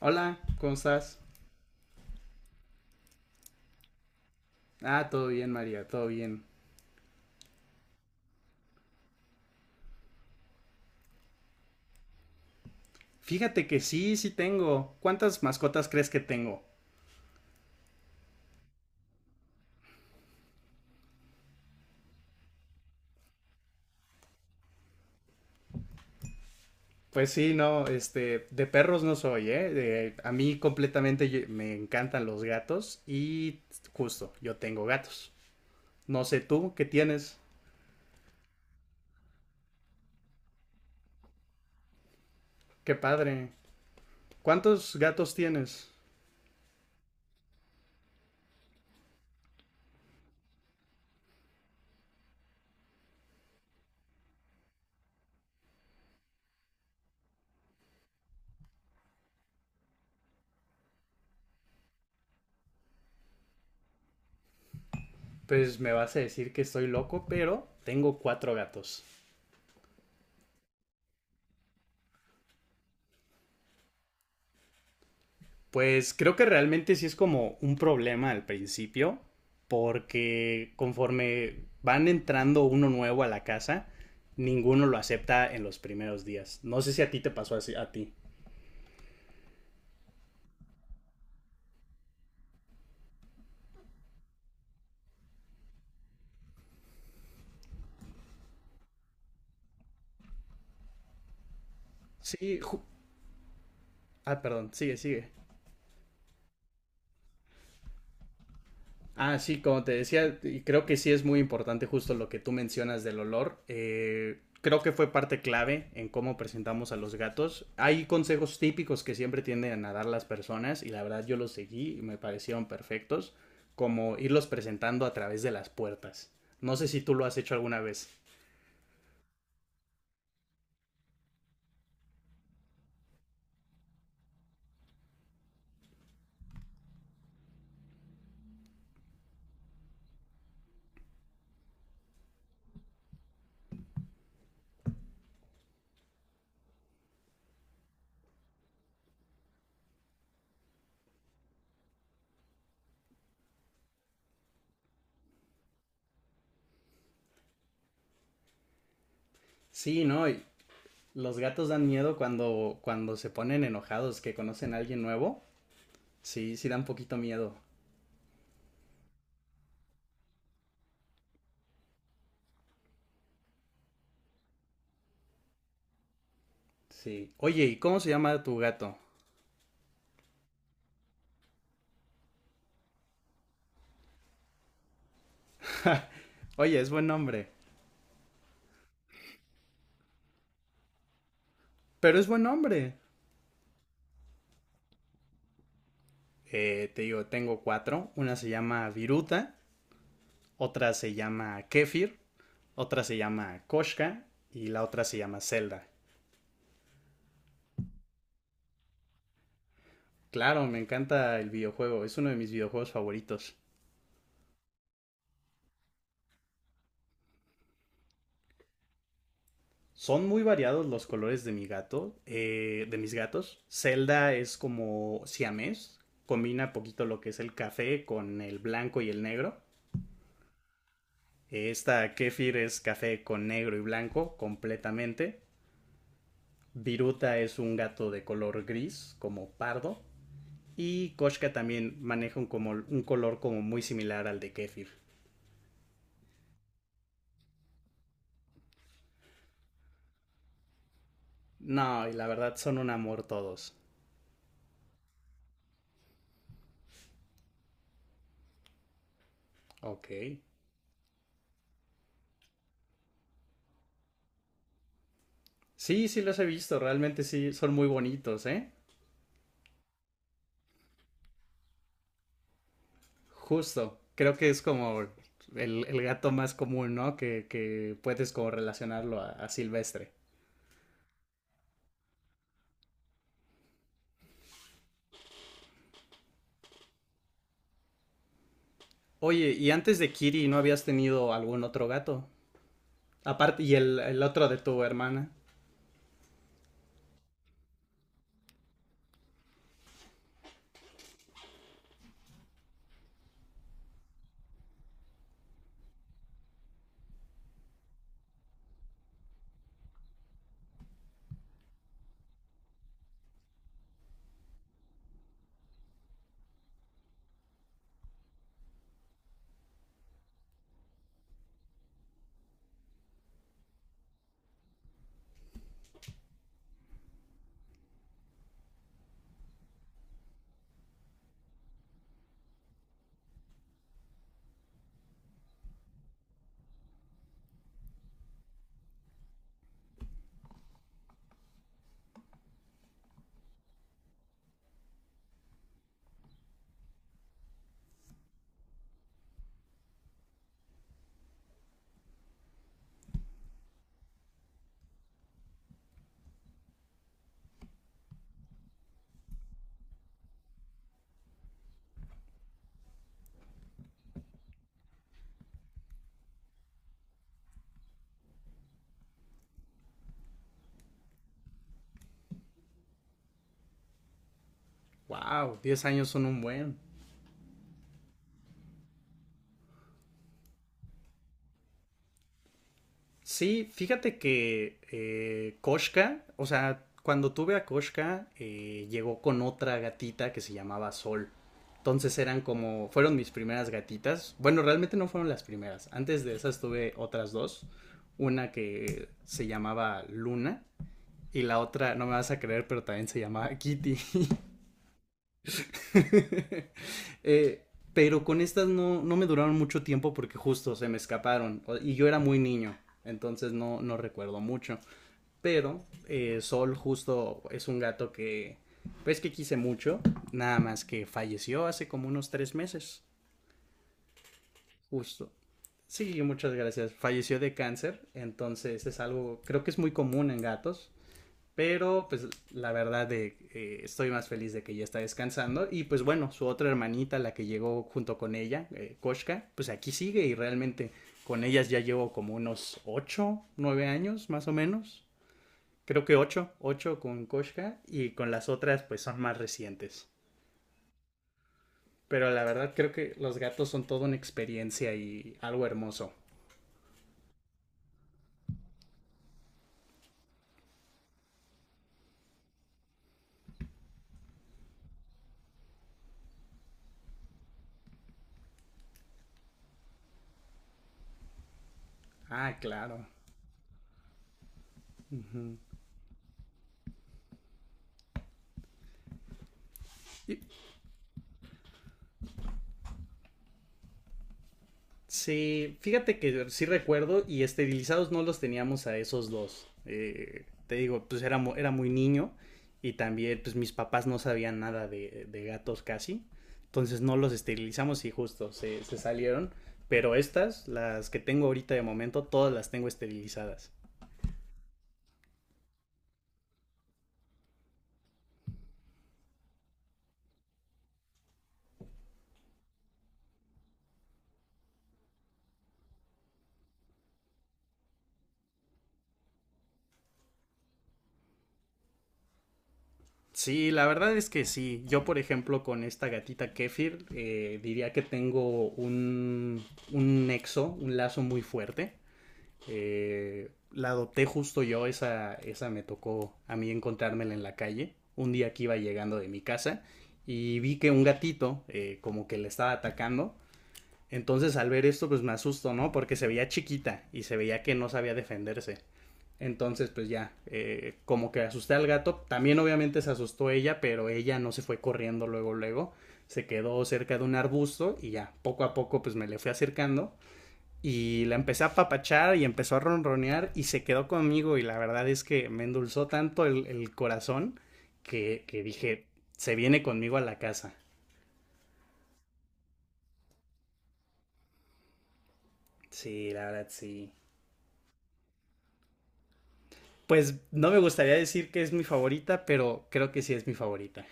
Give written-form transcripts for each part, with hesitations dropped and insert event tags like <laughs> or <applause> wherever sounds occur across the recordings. Hola, ¿cómo estás? Ah, todo bien, María, todo bien. Fíjate que sí, sí tengo. ¿Cuántas mascotas crees que tengo? Pues sí, no, de perros no soy, ¿eh? A mí completamente me encantan los gatos y justo, yo tengo gatos. No sé tú, ¿qué tienes? Qué padre. ¿Cuántos gatos tienes? Pues me vas a decir que estoy loco, pero tengo cuatro gatos. Pues creo que realmente sí es como un problema al principio, porque conforme van entrando uno nuevo a la casa, ninguno lo acepta en los primeros días. No sé si a ti te pasó así, a ti. Sí, ah, perdón, sigue, sigue. Ah, sí, como te decía, y creo que sí es muy importante justo lo que tú mencionas del olor. Creo que fue parte clave en cómo presentamos a los gatos. Hay consejos típicos que siempre tienden a dar las personas y la verdad yo los seguí y me parecieron perfectos, como irlos presentando a través de las puertas. No sé si tú lo has hecho alguna vez. Sí, ¿no? Y los gatos dan miedo cuando se ponen enojados, que conocen a alguien nuevo. Sí, sí dan poquito miedo. Sí. Oye, ¿y cómo se llama tu gato? Oye, es buen nombre. Pero es buen hombre. Te digo, tengo cuatro. Una se llama Viruta, otra se llama Kefir, otra se llama Koshka y la otra se llama Zelda. Claro, me encanta el videojuego, es uno de mis videojuegos favoritos. Son muy variados los colores de mis gatos. Zelda es como siamés, combina poquito lo que es el café con el blanco y el negro. Esta Kefir es café con negro y blanco completamente. Viruta es un gato de color gris, como pardo. Y Koshka también maneja un, como, un color como muy similar al de Kefir. No, y la verdad son un amor todos. Ok. Sí, sí los he visto, realmente sí, son muy bonitos, ¿eh? Justo. Creo que es como el gato más común, ¿no? Que puedes como relacionarlo a Silvestre. Oye, ¿y antes de Kiri no habías tenido algún otro gato? Aparte, y el otro de tu hermana. Wow, 10 años son un buen. Sí, fíjate que Koshka, o sea, cuando tuve a Koshka, llegó con otra gatita que se llamaba Sol. Entonces eran como, fueron mis primeras gatitas. Bueno, realmente no fueron las primeras. Antes de esas tuve otras dos. Una que se llamaba Luna y la otra, no me vas a creer, pero también se llamaba Kitty. <laughs> Eh, pero con estas no me duraron mucho tiempo porque justo se me escaparon y yo era muy niño, entonces no recuerdo mucho. Pero Sol justo es un gato que, pues que quise mucho, nada más que falleció hace como unos 3 meses, justo. Sí, muchas gracias. Falleció de cáncer, entonces es algo, creo que es muy común en gatos, pero pues la verdad estoy más feliz de que ya está descansando y pues bueno, su otra hermanita, la que llegó junto con ella, Koshka, pues aquí sigue y realmente con ellas ya llevo como unos 8, 9 años más o menos creo que ocho, ocho con Koshka y con las otras pues son más recientes. Pero la verdad creo que los gatos son toda una experiencia y algo hermoso. Ah, claro. Y- Sí, fíjate que sí recuerdo y esterilizados no los teníamos a esos dos. Te digo, pues era muy niño y también pues mis papás no sabían nada de gatos casi. Entonces no los esterilizamos y justo se salieron. Pero estas, las que tengo ahorita de momento, todas las tengo esterilizadas. Sí, la verdad es que sí. Yo, por ejemplo, con esta gatita Kefir, diría que tengo un nexo, un lazo muy fuerte. La adopté justo yo, esa me tocó a mí encontrármela en la calle, un día que iba llegando de mi casa y vi que un gatito como que le estaba atacando, entonces al ver esto pues me asusto, ¿no? Porque se veía chiquita y se veía que no sabía defenderse. Entonces pues ya, como que asusté al gato, también obviamente se asustó ella, pero ella no se fue corriendo luego, luego, se quedó cerca de un arbusto y ya, poco a poco pues me le fui acercando y la empecé a papachar y empezó a ronronear y se quedó conmigo y la verdad es que me endulzó tanto el corazón que dije, se viene conmigo a la casa. Sí, la verdad sí. Pues no me gustaría decir que es mi favorita, pero creo que sí es mi favorita.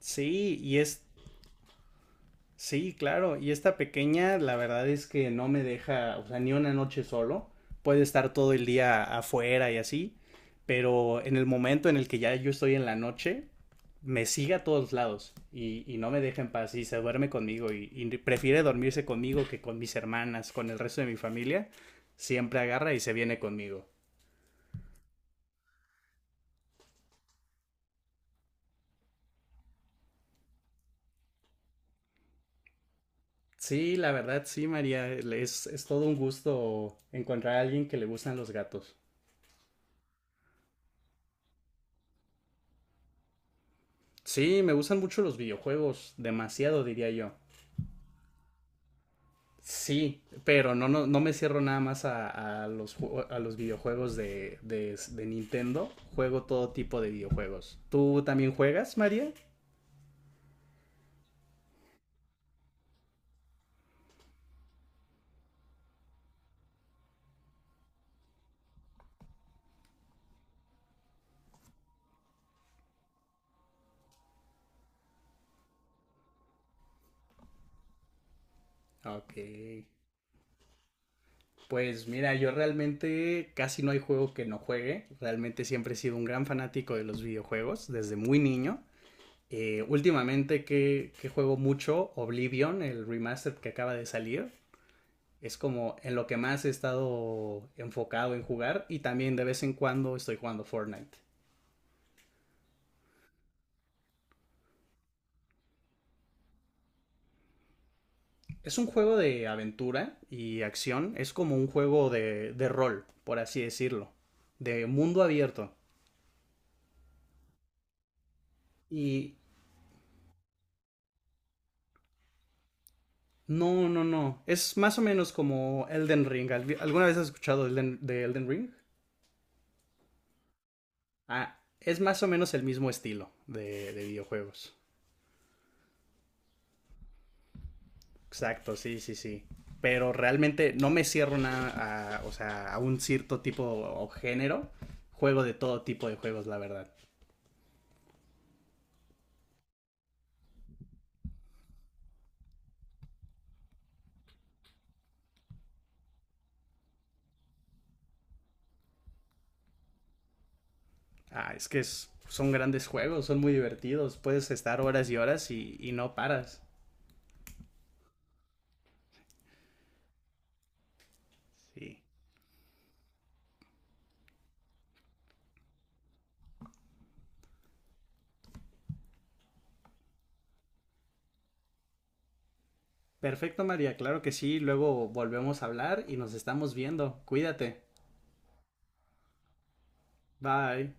Sí, sí, claro, y esta pequeña, la verdad es que no me deja, o sea, ni una noche solo. Puede estar todo el día afuera y así, pero en el momento en el que ya yo estoy en la noche, me sigue a todos lados y no me deja en paz y se duerme conmigo y prefiere dormirse conmigo que con mis hermanas, con el resto de mi familia. Siempre agarra y se viene conmigo. Sí, la verdad, sí, María. Es todo un gusto encontrar a alguien que le gustan los gatos. Sí, me gustan mucho los videojuegos, demasiado diría yo. Sí, pero no me cierro nada más a los videojuegos de Nintendo. Juego todo tipo de videojuegos. ¿Tú también juegas, María? Ok. Pues mira, yo realmente casi no hay juego que no juegue. Realmente siempre he sido un gran fanático de los videojuegos desde muy niño. Últimamente juego mucho Oblivion, el remaster que acaba de salir. Es como en lo que más he estado enfocado en jugar y también de vez en cuando estoy jugando Fortnite. Es un juego de aventura y acción, es como un juego de rol, por así decirlo, de mundo abierto. Y no, no, no, es más o menos como Elden Ring. ¿Alguna vez has escuchado de Elden Ring? Ah, es más o menos el mismo estilo de videojuegos. Exacto, sí, sí, sí. Pero realmente no me cierro nada a, o sea, a un cierto tipo o género. Juego de todo tipo de juegos, la verdad. Ah, es que son grandes juegos, son muy divertidos. Puedes estar horas y horas y no paras. Sí. Perfecto, María, claro que sí. Luego volvemos a hablar y nos estamos viendo. Cuídate. Bye.